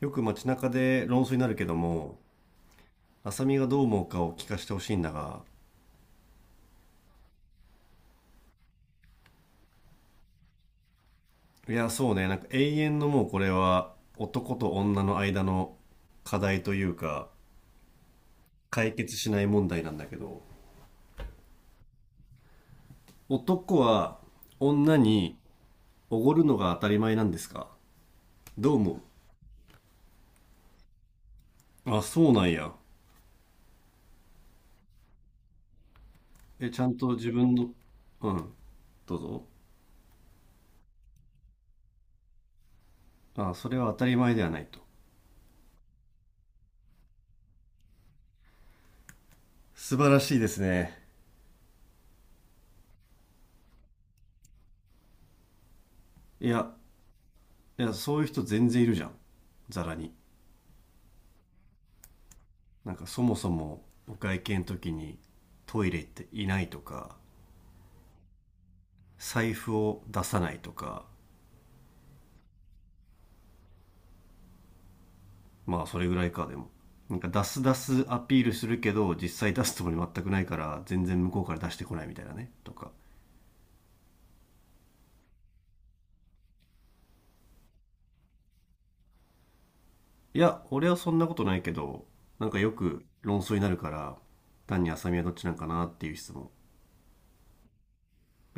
よく街中で論争になるけども、浅見がどう思うかを聞かせてほしいんだが、いや、そうね、なんか永遠のもうこれは男と女の間の課題というか、解決しない問題なんだけど、男は女におごるのが当たり前なんですか？どう思う？あ、そうなんや。え、ちゃんと自分の、うん、どうぞ。あ、それは当たり前ではないと。素晴らしいですね。いや、いや、そういう人全然いるじゃん。ざらに。なんかそもそもお会計の時にトイレ行っていないとか財布を出さないとか、まあそれぐらいか。でもなんか出す出すアピールするけど、実際出すつもり全くないから、全然向こうから出してこないみたいなね、とか。いや、俺はそんなことないけど、なんかよく論争になるから、単に浅見はどっちなんかなっていう質問。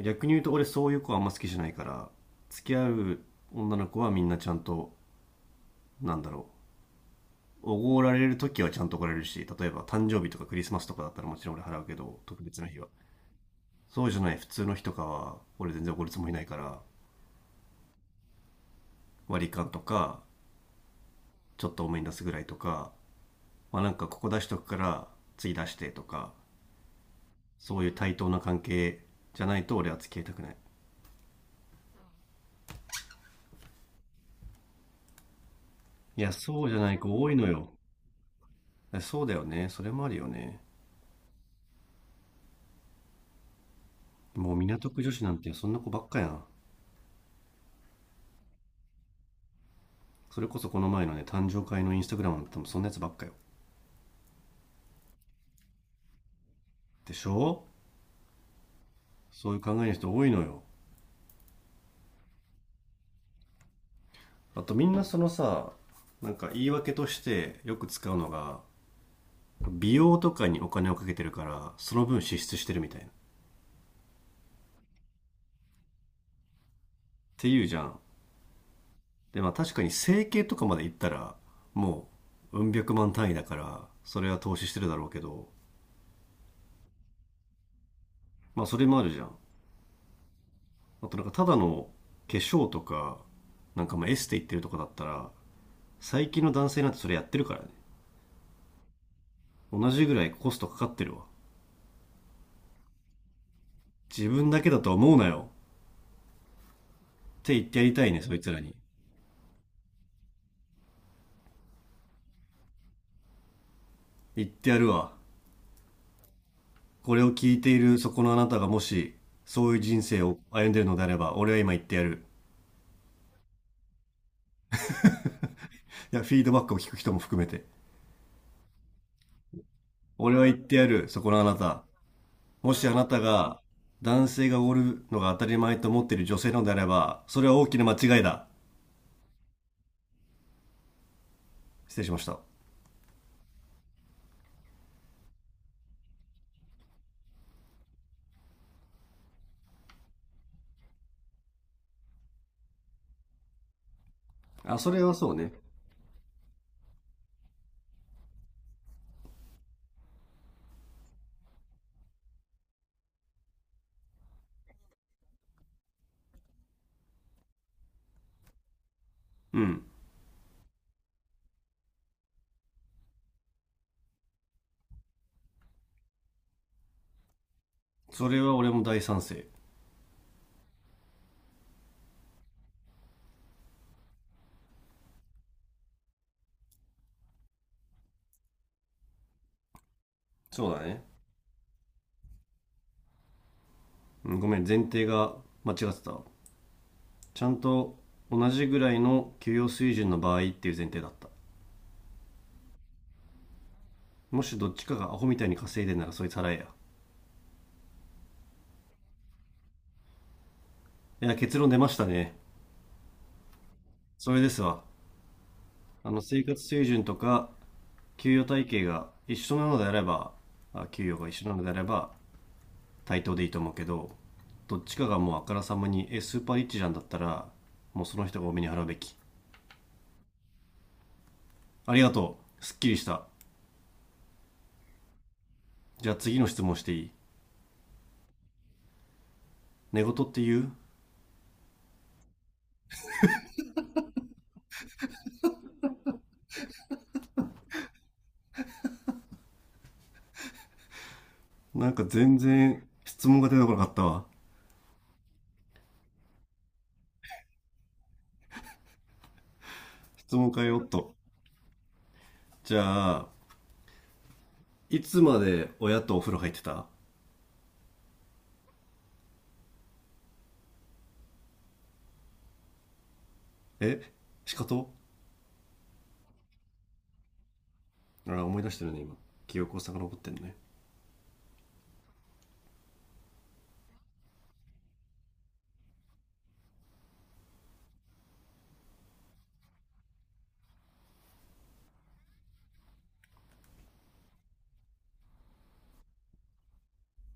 逆に言うと俺そういう子はあんま好きじゃないから、付き合う女の子はみんなちゃんと、なんだろう、おごられる時はちゃんとおごられるし、例えば誕生日とかクリスマスとかだったらもちろん俺払うけど、特別な日は。そうじゃない普通の日とかは、俺全然おごるつもりないから、割り勘とか、ちょっと多めに出すぐらいとか、まあなんかここ出しとくから次出してとか、そういう対等な関係じゃないと俺は付き合いたくない。いや、そうじゃない子多いのよ。そうだよね。それもあるよね。もう港区女子なんてそんな子ばっかやん。それこそこの前のね、誕生会のインスタグラムなんて多分そんなやつばっかよ。でしょ？そういう考えの人多いのよ。あとみんなそのさ、なんか言い訳としてよく使うのが、美容とかにお金をかけてるからその分支出してるみたいなっていうじゃん。でまあ確かに整形とかまで行ったら、もう百万単位だから、それは投資してるだろうけど、まあそれもあるじゃん。あとなんかただの化粧とか、なんかまあエステ行ってるとかだったら、最近の男性なんてそれやってるからね。同じぐらいコストかかってるわ。自分だけだと思うなよって言ってやりたいね、そいつらに。言ってやるわ。これを聞いているそこのあなたがもし、そういう人生を歩んでいるのであれば、俺は今言ってやる。いや、フィードバックを聞く人も含めて。俺は言ってやる、そこのあなた。もしあなたが、男性がおるのが当たり前と思っている女性なのであれば、それは大きな間違いだ。失礼しました。あ、それはそうね。うん。それは俺も大賛成。そうだね。うん、ごめん、前提が間違ってた。ちゃんと同じぐらいの給与水準の場合っていう前提だった。もしどっちかがアホみたいに稼いでんなら、そいつ払えや。いや、結論出ましたね。それですわ。あの、生活水準とか給与体系が一緒なのであれば、あ、給与が一緒なのであれば対等でいいと思うけど、どっちかがもうあからさまに、え、スーパーリッチじゃんだったら、もうその人が多めに払うべき。ありがとう。すっきりした。じゃあ次の質問していい？寝言って言う、なんか全然質問が出てこなかったわ。質問変えようっと。じゃあ、いつまで親とお風呂入ってた？え仕方。ああ、思い出してるね、今。記憶を遡ってるね。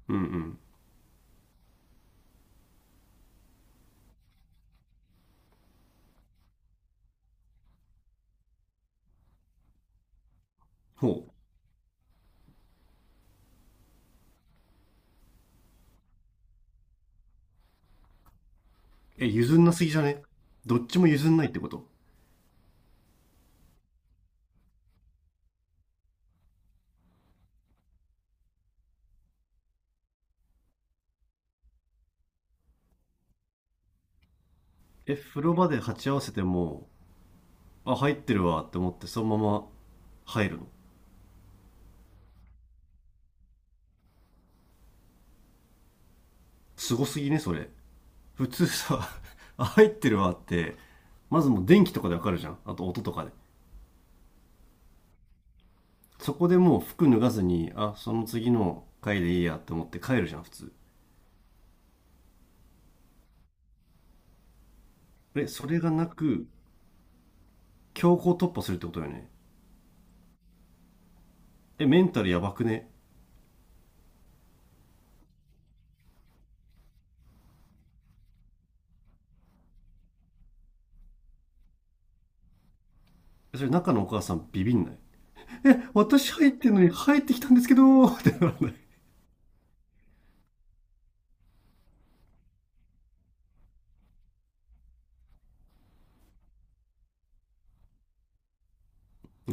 うんうん。ほう。え、譲んなすぎじゃね？どっちも譲んないってこと？え、風呂場で鉢合わせても、あ、入ってるわって思ってそのまま入るの？すごすぎね、それ。普通さ、あ、入ってるわって、まずもう電気とかでわかるじゃん。あと音とかで。そこでもう服脱がずに、あ、その次の回でいいやって思って帰るじゃん、普通。え、それがなく、強行突破するってことよね。え、メンタルやばくね？それ中のお母さんビビんない？え、私入ってんのに入ってきたんですけど、ってならない？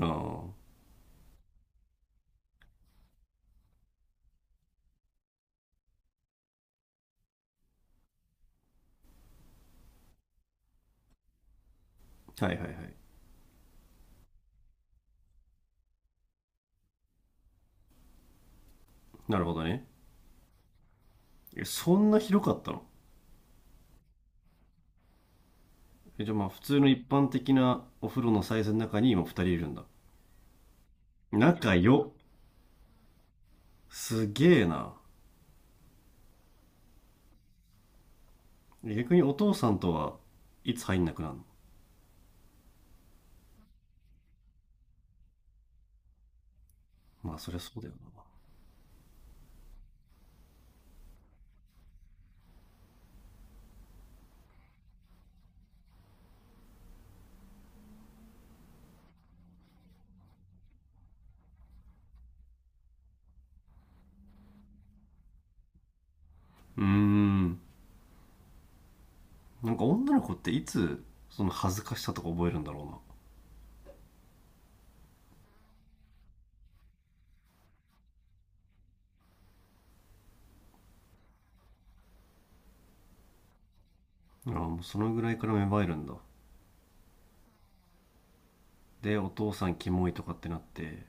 ああ、はいはいはい。なるほどね。え、そんな広かったの？え、じゃあまあ普通の一般的なお風呂のサイズの中に今二人いるんだ。仲良。すげえな。え、逆にお父さんとはいつ入んなくなるの？まあそりゃそうだよな。うーん。なんか女の子っていつその恥ずかしさとか覚えるんだろうな。ああ、もうそのぐらいから芽生えるんだ。で、お父さんキモいとかってなって、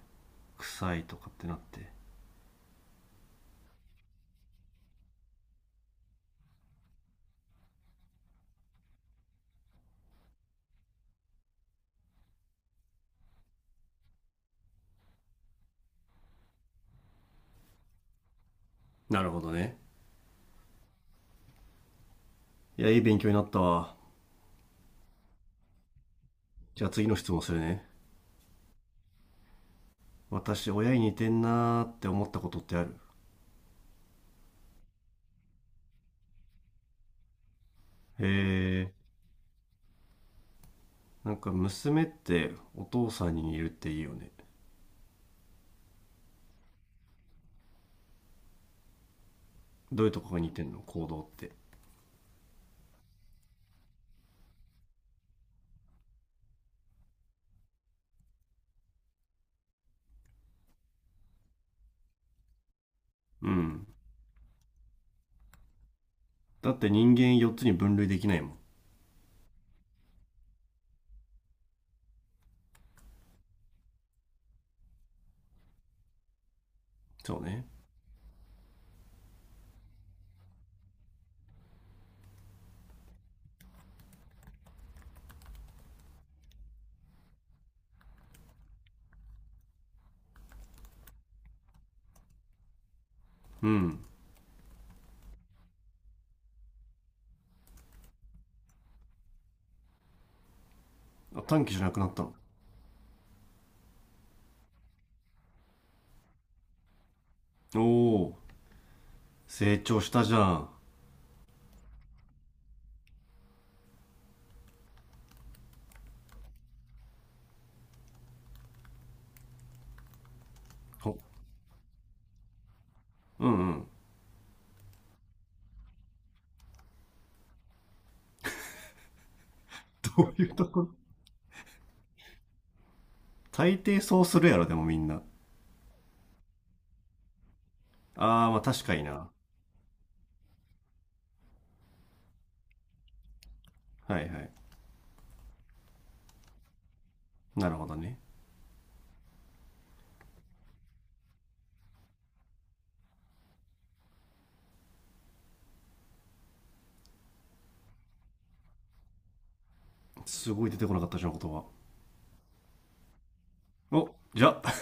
臭いとかってなって。なるほどね。いや、いい勉強になったわ。じゃあ次の質問するね。私、親に似てんなーって思ったことってある？へえ、なんか娘ってお父さんに似るっていいよね。どういうとこが似てんの、行動って。うん。だって人間4つに分類できないもん。そうね。うん。あ、短期じゃなくなったの？おお、成長したじゃん。ほ、うんうん。どういうところ？大抵そうするやろ、でもみんな。ああ、まあ確かにな。はいはい。なるほどね。すごい出てこなかったじゃん、言葉。お、じゃあ